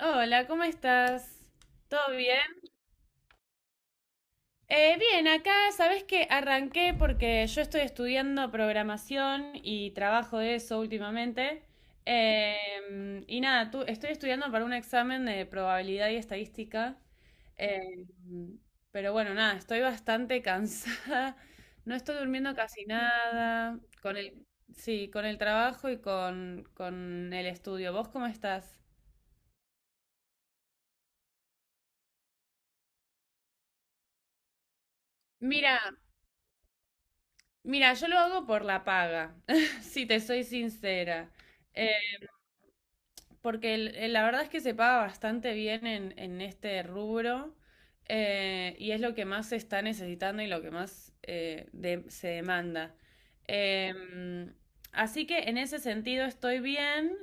Hola, ¿cómo estás? ¿Todo bien? Bien, acá sabes que arranqué porque yo estoy estudiando programación y trabajo de eso últimamente. Eh, y nada, tú, estoy estudiando para un examen de probabilidad y estadística. Eh, pero bueno, nada, estoy bastante cansada. No estoy durmiendo casi nada. Con el, sí, con el trabajo y con el estudio. ¿Vos cómo estás? Mira, Mira, yo lo hago por la paga, si te soy sincera. Eh, Porque la verdad es que se paga bastante bien en este rubro, y es lo que más se está necesitando y lo que más se demanda. Em, Así que en ese sentido estoy bien,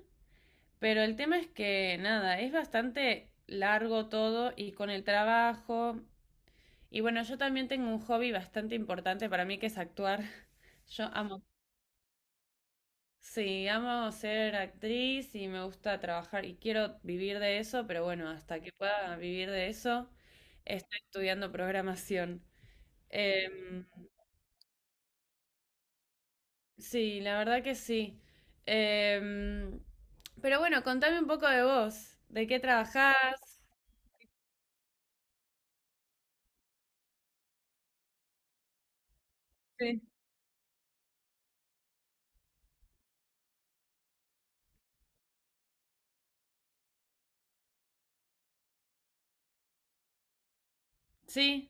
pero el tema es que nada, es bastante largo todo y con el trabajo. Y bueno, yo también tengo un hobby bastante importante para mí que es actuar. Yo amo. Sí, amo ser actriz y me gusta trabajar y quiero vivir de eso, pero bueno, hasta que pueda vivir de eso, estoy estudiando programación. Em, sí, la verdad que sí. Em, pero bueno, contame un poco de vos, de qué trabajás. Sí. Sí.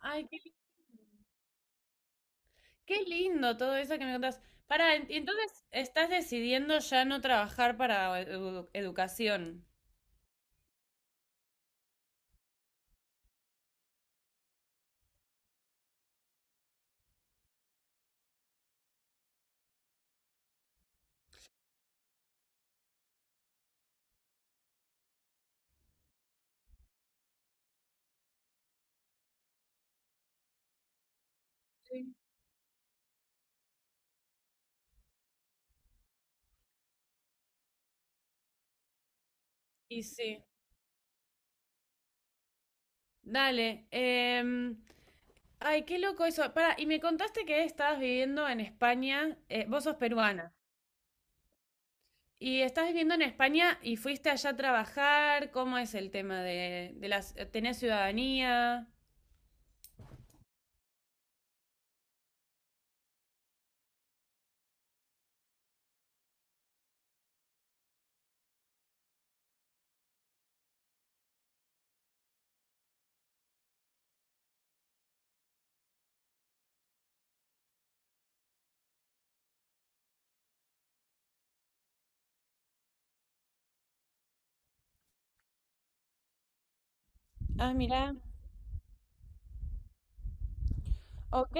Ay, qué, qué lindo todo eso que me contás. Para, entonces estás decidiendo ya no trabajar para educación. Y sí, dale. Ay, qué loco eso. Para, y me contaste que estabas viviendo en España, vos sos peruana, y estás viviendo en España y fuiste allá a trabajar, ¿cómo es el tema de las, tenés ciudadanía? Ah, mirá. Ok,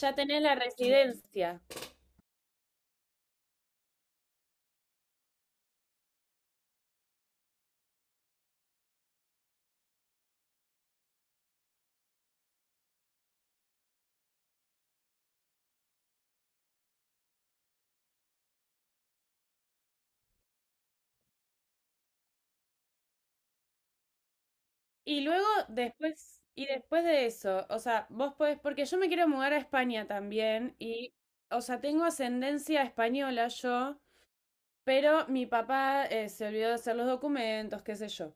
ya tenés la residencia. Y luego, después, y después de eso, o sea, vos podés, porque yo me quiero mudar a España también, y, o sea, tengo ascendencia española yo, pero mi papá se olvidó de hacer los documentos, qué sé yo.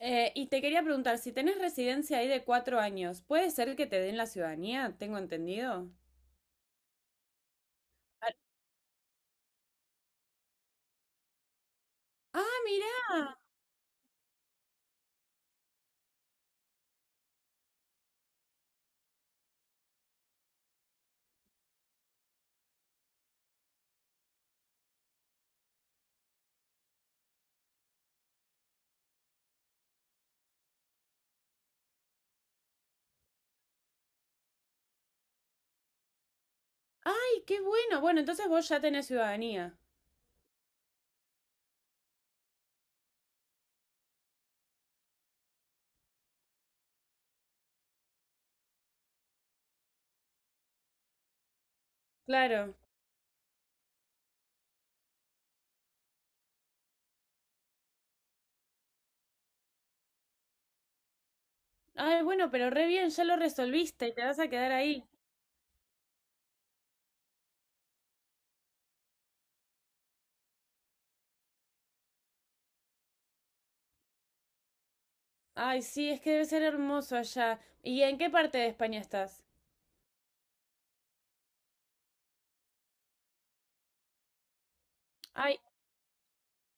Y te quería preguntar, si tenés residencia ahí de cuatro años, ¿puede ser que te den la ciudadanía? ¿Tengo entendido? Ah, ah, mirá. Ay, qué bueno. Bueno, entonces vos ya tenés ciudadanía. Claro. Ay, bueno, pero re bien, ya lo resolviste y te vas a quedar ahí. Ay, sí, es que debe ser hermoso allá. ¿Y en qué parte de España estás? Ay,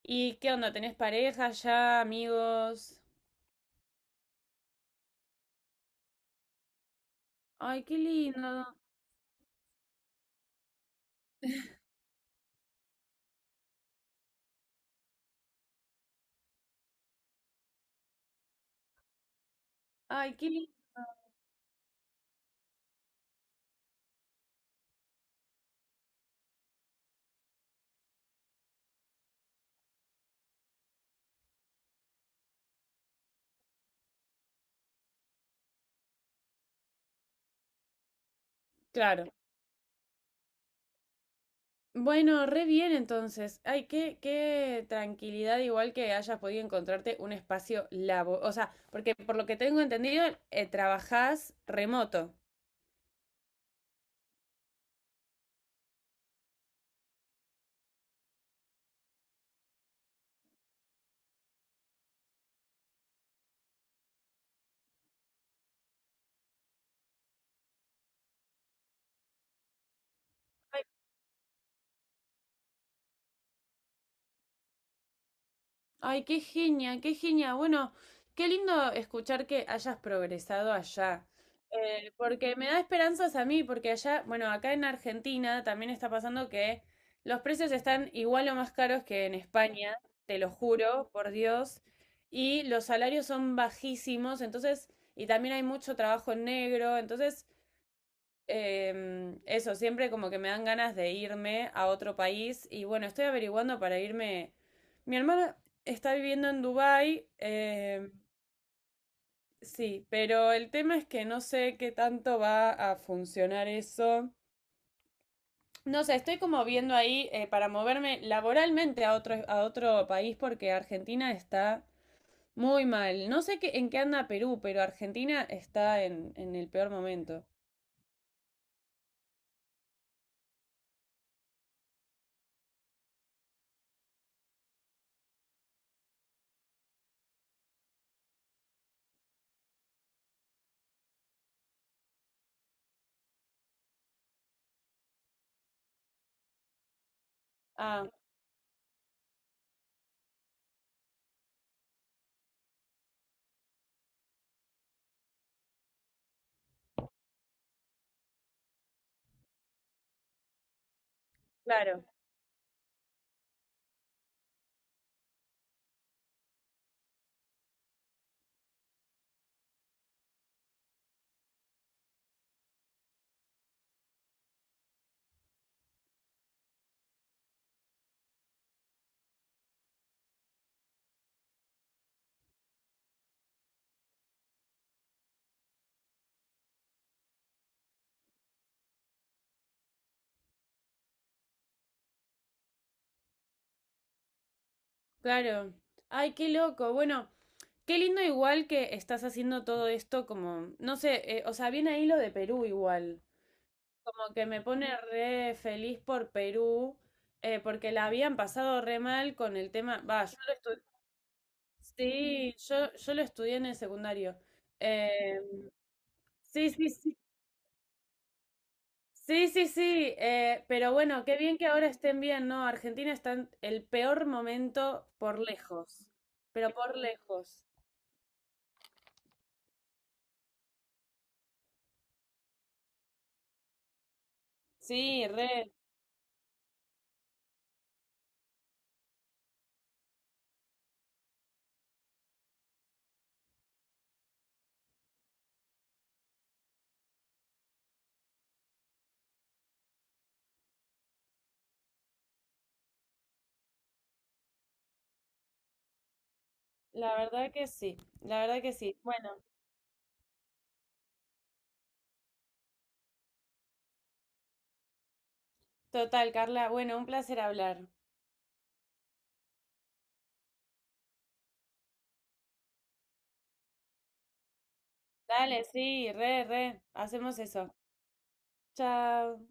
¿y qué onda? ¿Tenés pareja ya, amigos? Ay, qué lindo. Ay, qué lindo. Claro. Bueno, re bien entonces. Ay, qué, qué tranquilidad igual que hayas podido encontrarte un espacio labo. O sea, porque por lo que tengo entendido, trabajás remoto. Ay, qué genia, qué genia. Bueno, qué lindo escuchar que hayas progresado allá. Porque me da esperanzas a mí, porque allá, bueno, acá en Argentina también está pasando que los precios están igual o más caros que en España, te lo juro, por Dios, y los salarios son bajísimos, entonces, y también hay mucho trabajo en negro, entonces. Eso, siempre como que me dan ganas de irme a otro país y bueno, estoy averiguando para irme. Mi hermana está viviendo en Dubái, sí, pero el tema es que no sé qué tanto va a funcionar eso. No sé, estoy como viendo ahí para moverme laboralmente a otro país porque Argentina está muy mal. No sé qué, en qué anda Perú, pero Argentina está en el peor momento. Ah, claro, claro. Ay, qué loco. Bueno. Qué lindo igual que estás haciendo todo esto como, no sé, o sea, viene ahí lo de Perú igual. Como que me pone re feliz por Perú, porque la habían pasado re mal con el tema. Va, yo lo estudié. Sí, yo lo estudié en el secundario. Eh, sí, sí, sí. Sí, sí, sí. Pero bueno, qué bien que ahora estén bien, ¿no? Argentina está en el peor momento por lejos. Pero por lejos. Sí, re. La verdad que sí. La verdad que sí. Bueno. Total, Carla. Bueno, un placer hablar. Dale, sí, re, re. Hacemos eso. Chao.